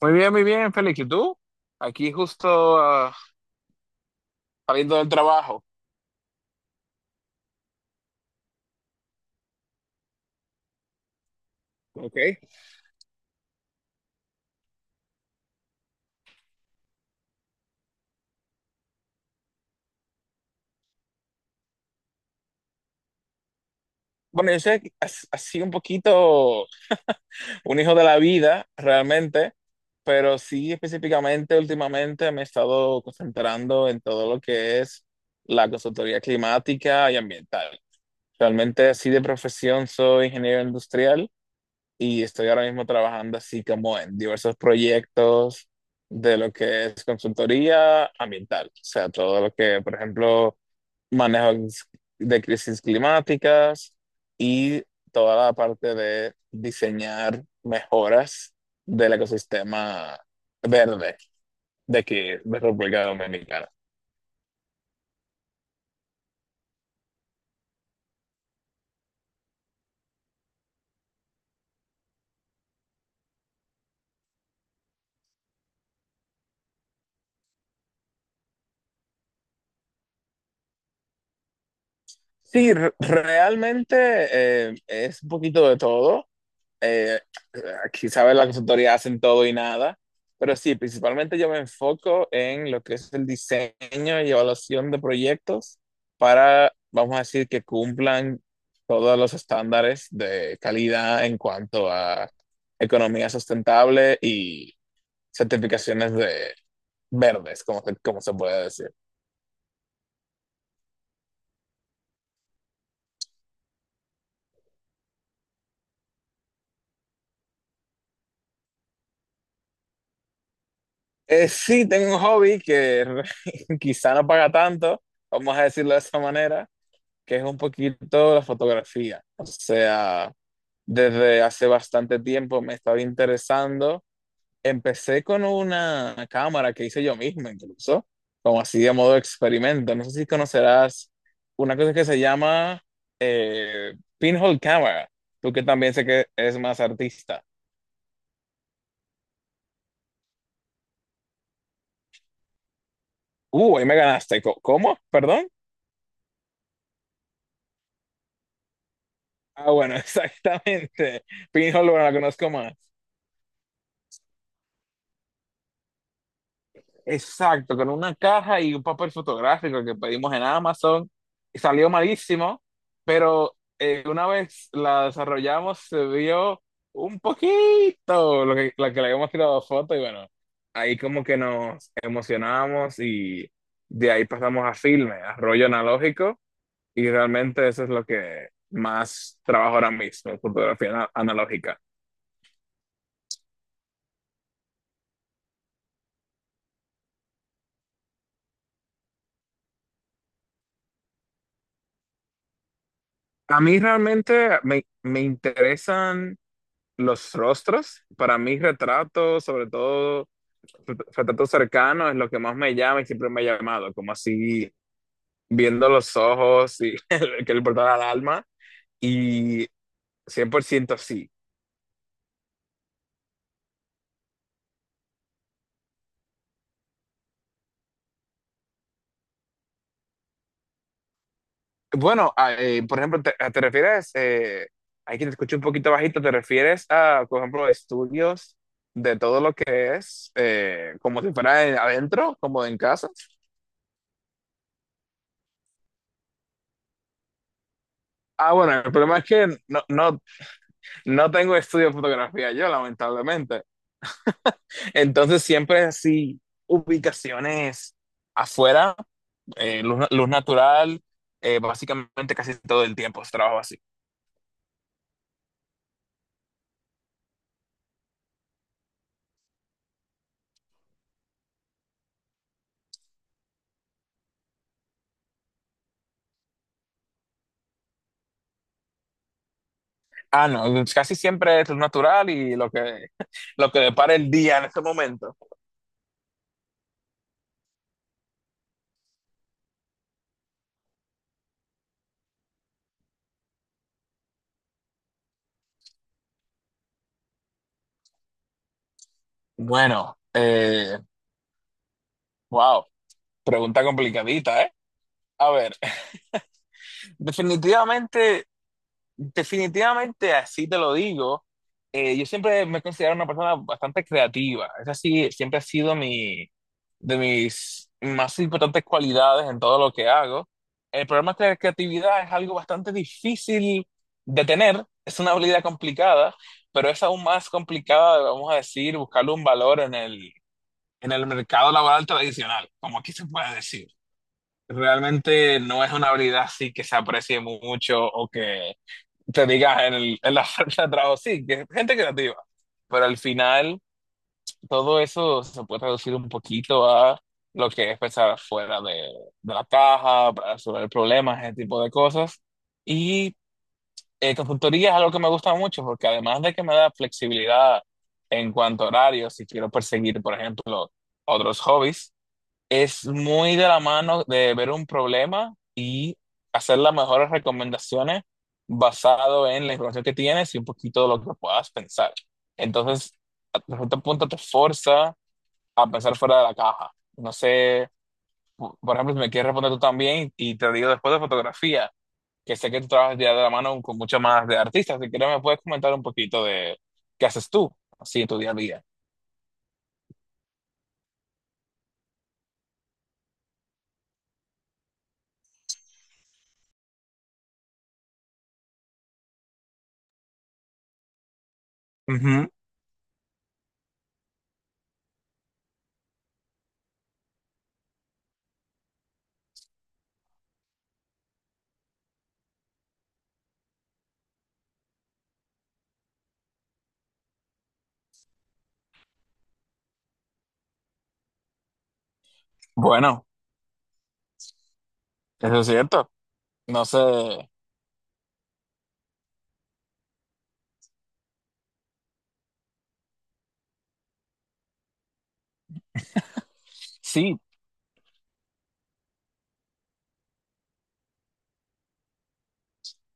Muy bien, Félix. ¿Y tú? Aquí justo saliendo del trabajo. Ok. Bueno, yo soy así un poquito un hijo de la vida, realmente, pero sí específicamente últimamente me he estado concentrando en todo lo que es la consultoría climática y ambiental. Realmente así de profesión soy ingeniero industrial y estoy ahora mismo trabajando así como en diversos proyectos de lo que es consultoría ambiental, o sea, todo lo que, por ejemplo, manejo de crisis climáticas y toda la parte de diseñar mejoras del ecosistema verde de aquí, de República Dominicana. Sí, realmente es un poquito de todo. eh, Aquí sabes las consultorías hacen todo y nada, pero sí, principalmente yo me enfoco en lo que es el diseño y evaluación de proyectos para, vamos a decir, que cumplan todos los estándares de calidad en cuanto a economía sustentable y certificaciones de verdes, como, como se puede decir. Sí, tengo un hobby que quizá no paga tanto, vamos a decirlo de esa manera, que es un poquito la fotografía. O sea, desde hace bastante tiempo me estaba interesando. Empecé con una cámara que hice yo mismo, incluso, como así de modo experimento. No sé si conocerás una cosa que se llama pinhole camera, tú que también sé que es más artista. Ahí me ganaste. ¿Cómo? ¿Perdón? Ah, bueno, exactamente. Pinhole, bueno, la conozco más. Exacto, con una caja y un papel fotográfico que pedimos en Amazon. Y salió malísimo, pero una vez la desarrollamos se vio un poquito lo que, la que le habíamos tirado foto y bueno, ahí como que nos emocionamos y de ahí pasamos a filme, a rollo analógico y realmente eso es lo que más trabajo ahora mismo, fotografía analógica. A mí realmente me interesan los rostros. Para mí, retratos, sobre todo retratos cercanos, es lo que más me llama y siempre me ha llamado, como así viendo los ojos y el que le importaba al alma. Y 100% sí. Bueno, por ejemplo, te refieres, hay que te escucho un poquito bajito, ¿te refieres a, por ejemplo, estudios de todo lo que es, como si fuera adentro, como en casa? Ah, bueno, el problema es que no, no, no tengo estudio de fotografía yo, lamentablemente. Entonces siempre así, ubicaciones afuera, luz, luz natural, básicamente casi todo el tiempo es trabajo así. Ah, no, casi siempre es luz natural y lo que, lo que depara el día en este momento. Bueno, wow, pregunta complicadita, ¿eh? A ver, definitivamente Definitivamente, así te lo digo. Yo siempre me he considerado una persona bastante creativa. Esa sí, siempre ha sido mi, de mis más importantes cualidades en todo lo que hago. El problema es que la creatividad es algo bastante difícil de tener. Es una habilidad complicada, pero es aún más complicada, vamos a decir, buscarle un valor en el mercado laboral tradicional, como aquí se puede decir. Realmente no es una habilidad así que se aprecie mucho o que te diga en la fuerza de trabajo. Sí, que gente creativa. Pero al final, todo eso se puede reducir un poquito a lo que es pensar fuera de la caja, para resolver problemas, ese tipo de cosas. Y consultoría es algo que me gusta mucho porque además de que me da flexibilidad en cuanto a horarios, si quiero perseguir, por ejemplo, otros hobbies es muy de la mano de ver un problema y hacer las mejores recomendaciones basado en la información que tienes y un poquito de lo que puedas pensar. Entonces, hasta cierto punto te forza a pensar fuera de la caja. No sé, por ejemplo, si me quieres responder tú también y te digo después de fotografía, que sé que tú trabajas ya de la mano con muchas más de artistas, si quieres me puedes comentar un poquito de qué haces tú así en tu día a día. Ujú. Bueno, eso es cierto. No sé. Sí,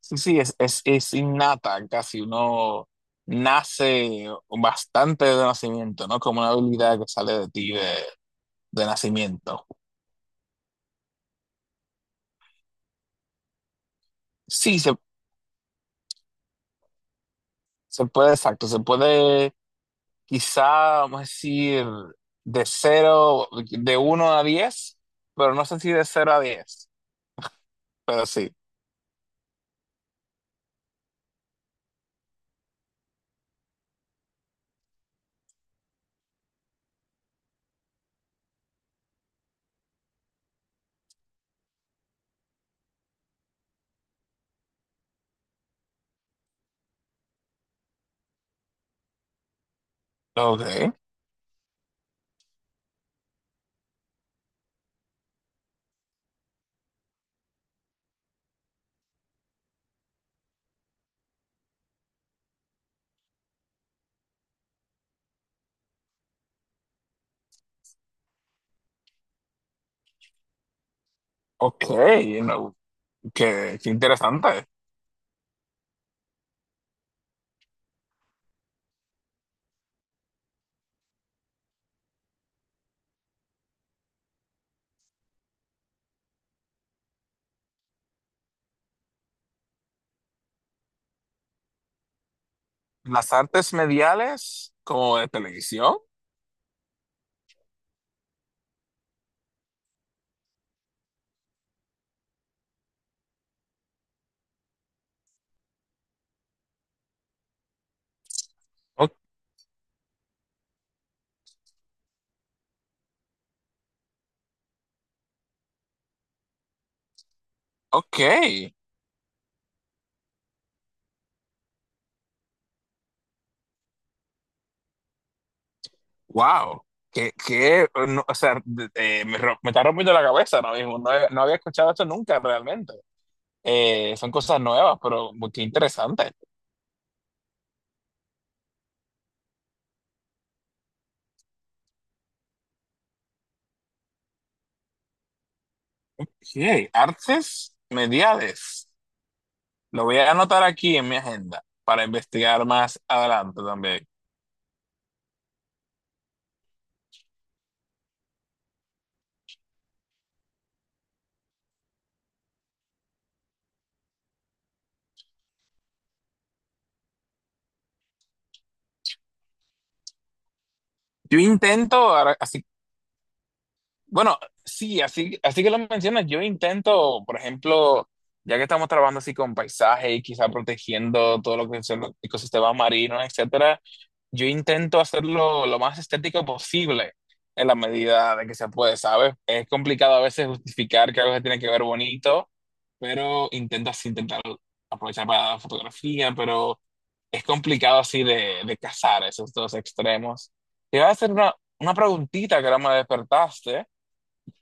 sí, sí, es innata, casi uno nace bastante de nacimiento, ¿no? Como una habilidad que sale de ti de nacimiento. Sí, se puede, exacto, se puede quizá, vamos a decir, de cero, de uno a 10, pero no sé si de cero a 10, pero sí. Ok, ok, no, qué interesante. Las artes mediales como de televisión. O- ok. Wow, que, no, o sea, me está rompiendo la cabeza ahora mismo. No, no había escuchado esto nunca realmente. Son cosas nuevas, pero qué interesante. Sí, artes mediales. Lo voy a anotar aquí en mi agenda para investigar más adelante también. Yo intento, ahora, así. Bueno, sí, así, así que lo mencionas, yo intento, por ejemplo, ya que estamos trabajando así con paisaje y quizá protegiendo todo lo que son los ecosistemas marinos, etcétera, yo intento hacerlo lo más estético posible en la medida de que se puede, ¿sabes? Es complicado a veces justificar que algo se tiene que ver bonito, pero intento así, intentar aprovechar para la fotografía, pero es complicado así de cazar esos dos extremos. Te iba a hacer una preguntita que ahora me despertaste.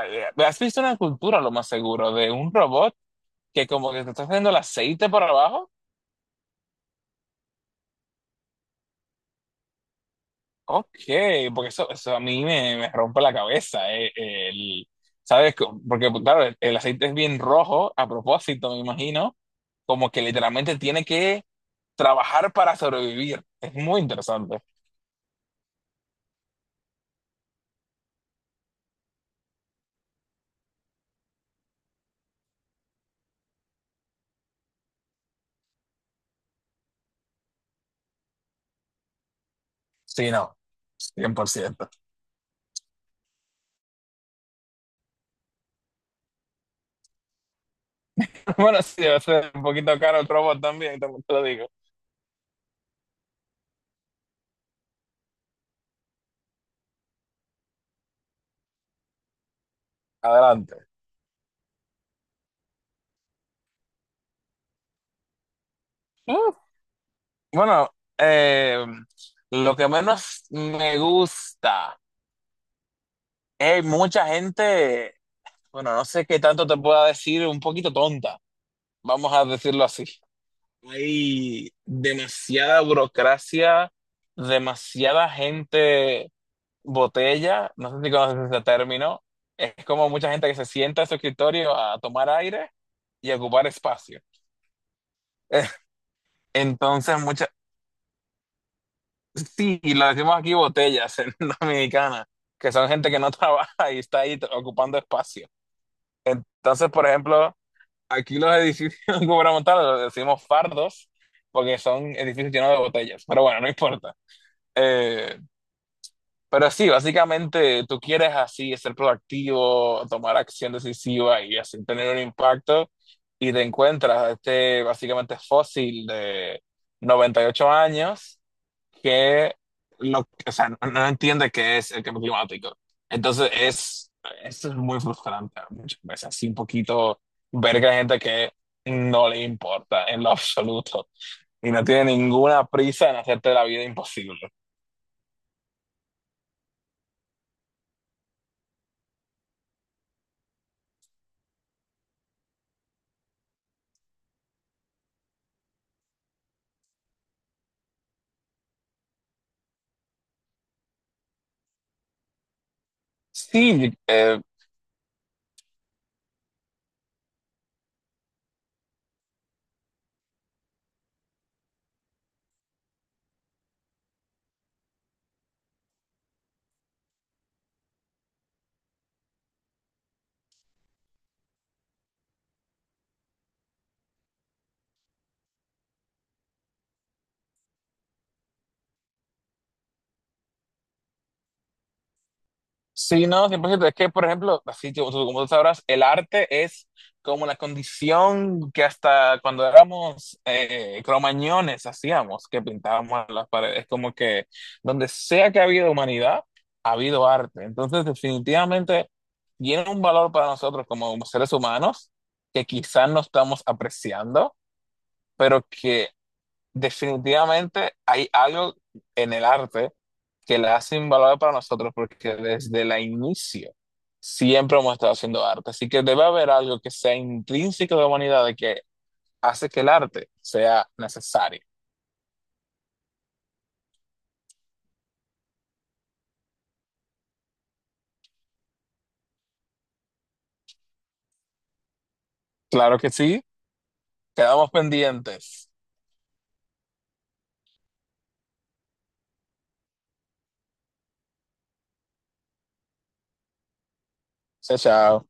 ¿Has visto una cultura, lo más seguro, de un robot que como que te está haciendo el aceite por abajo? Ok, porque eso a mí me rompe la cabeza. El- ¿Sabes? Porque, pues, claro, el aceite es bien rojo, a propósito, me imagino, como que literalmente tiene que trabajar para sobrevivir. Es muy interesante. Sí, no, 100%. Bueno, sí, debe ser un poquito caro el robot también, te lo digo. Adelante. Bueno, eh, lo que menos me gusta es mucha gente, bueno, no sé qué tanto te pueda decir, un poquito tonta, vamos a decirlo así. Hay demasiada burocracia, demasiada gente botella, no sé si conoces ese término, es como mucha gente que se sienta en su escritorio a tomar aire y a ocupar espacio. Entonces, sí, y lo decimos aquí botellas en Dominicana, que son gente que no trabaja y está ahí ocupando espacio. Entonces, por ejemplo, aquí los edificios gubernamentales los decimos fardos porque son edificios llenos de botellas, pero bueno, no importa. Eh, pero sí, básicamente tú quieres así ser proactivo, tomar acción decisiva y así tener un impacto y te encuentras a este básicamente fósil de 98 años que lo, o sea, no, no entiende qué es el cambio climático. Entonces es, eso es muy frustrante muchas veces, así un poquito ver que hay gente que no le importa en lo absoluto y no tiene ninguna prisa en hacerte la vida imposible. Sí, sí, no, 100%. Es que, por ejemplo, así como tú sabrás, el arte es como una condición que hasta cuando éramos cromañones hacíamos, que pintábamos las paredes. Como que donde sea que ha habido humanidad, ha habido arte. Entonces, definitivamente, tiene un valor para nosotros como seres humanos que quizás no estamos apreciando, pero que definitivamente hay algo en el arte que la hace invaluable para nosotros porque desde la inicio siempre hemos estado haciendo arte. Así que debe haber algo que sea intrínseco de la humanidad de que hace que el arte sea necesario. Claro que sí, quedamos pendientes. Chao, chao.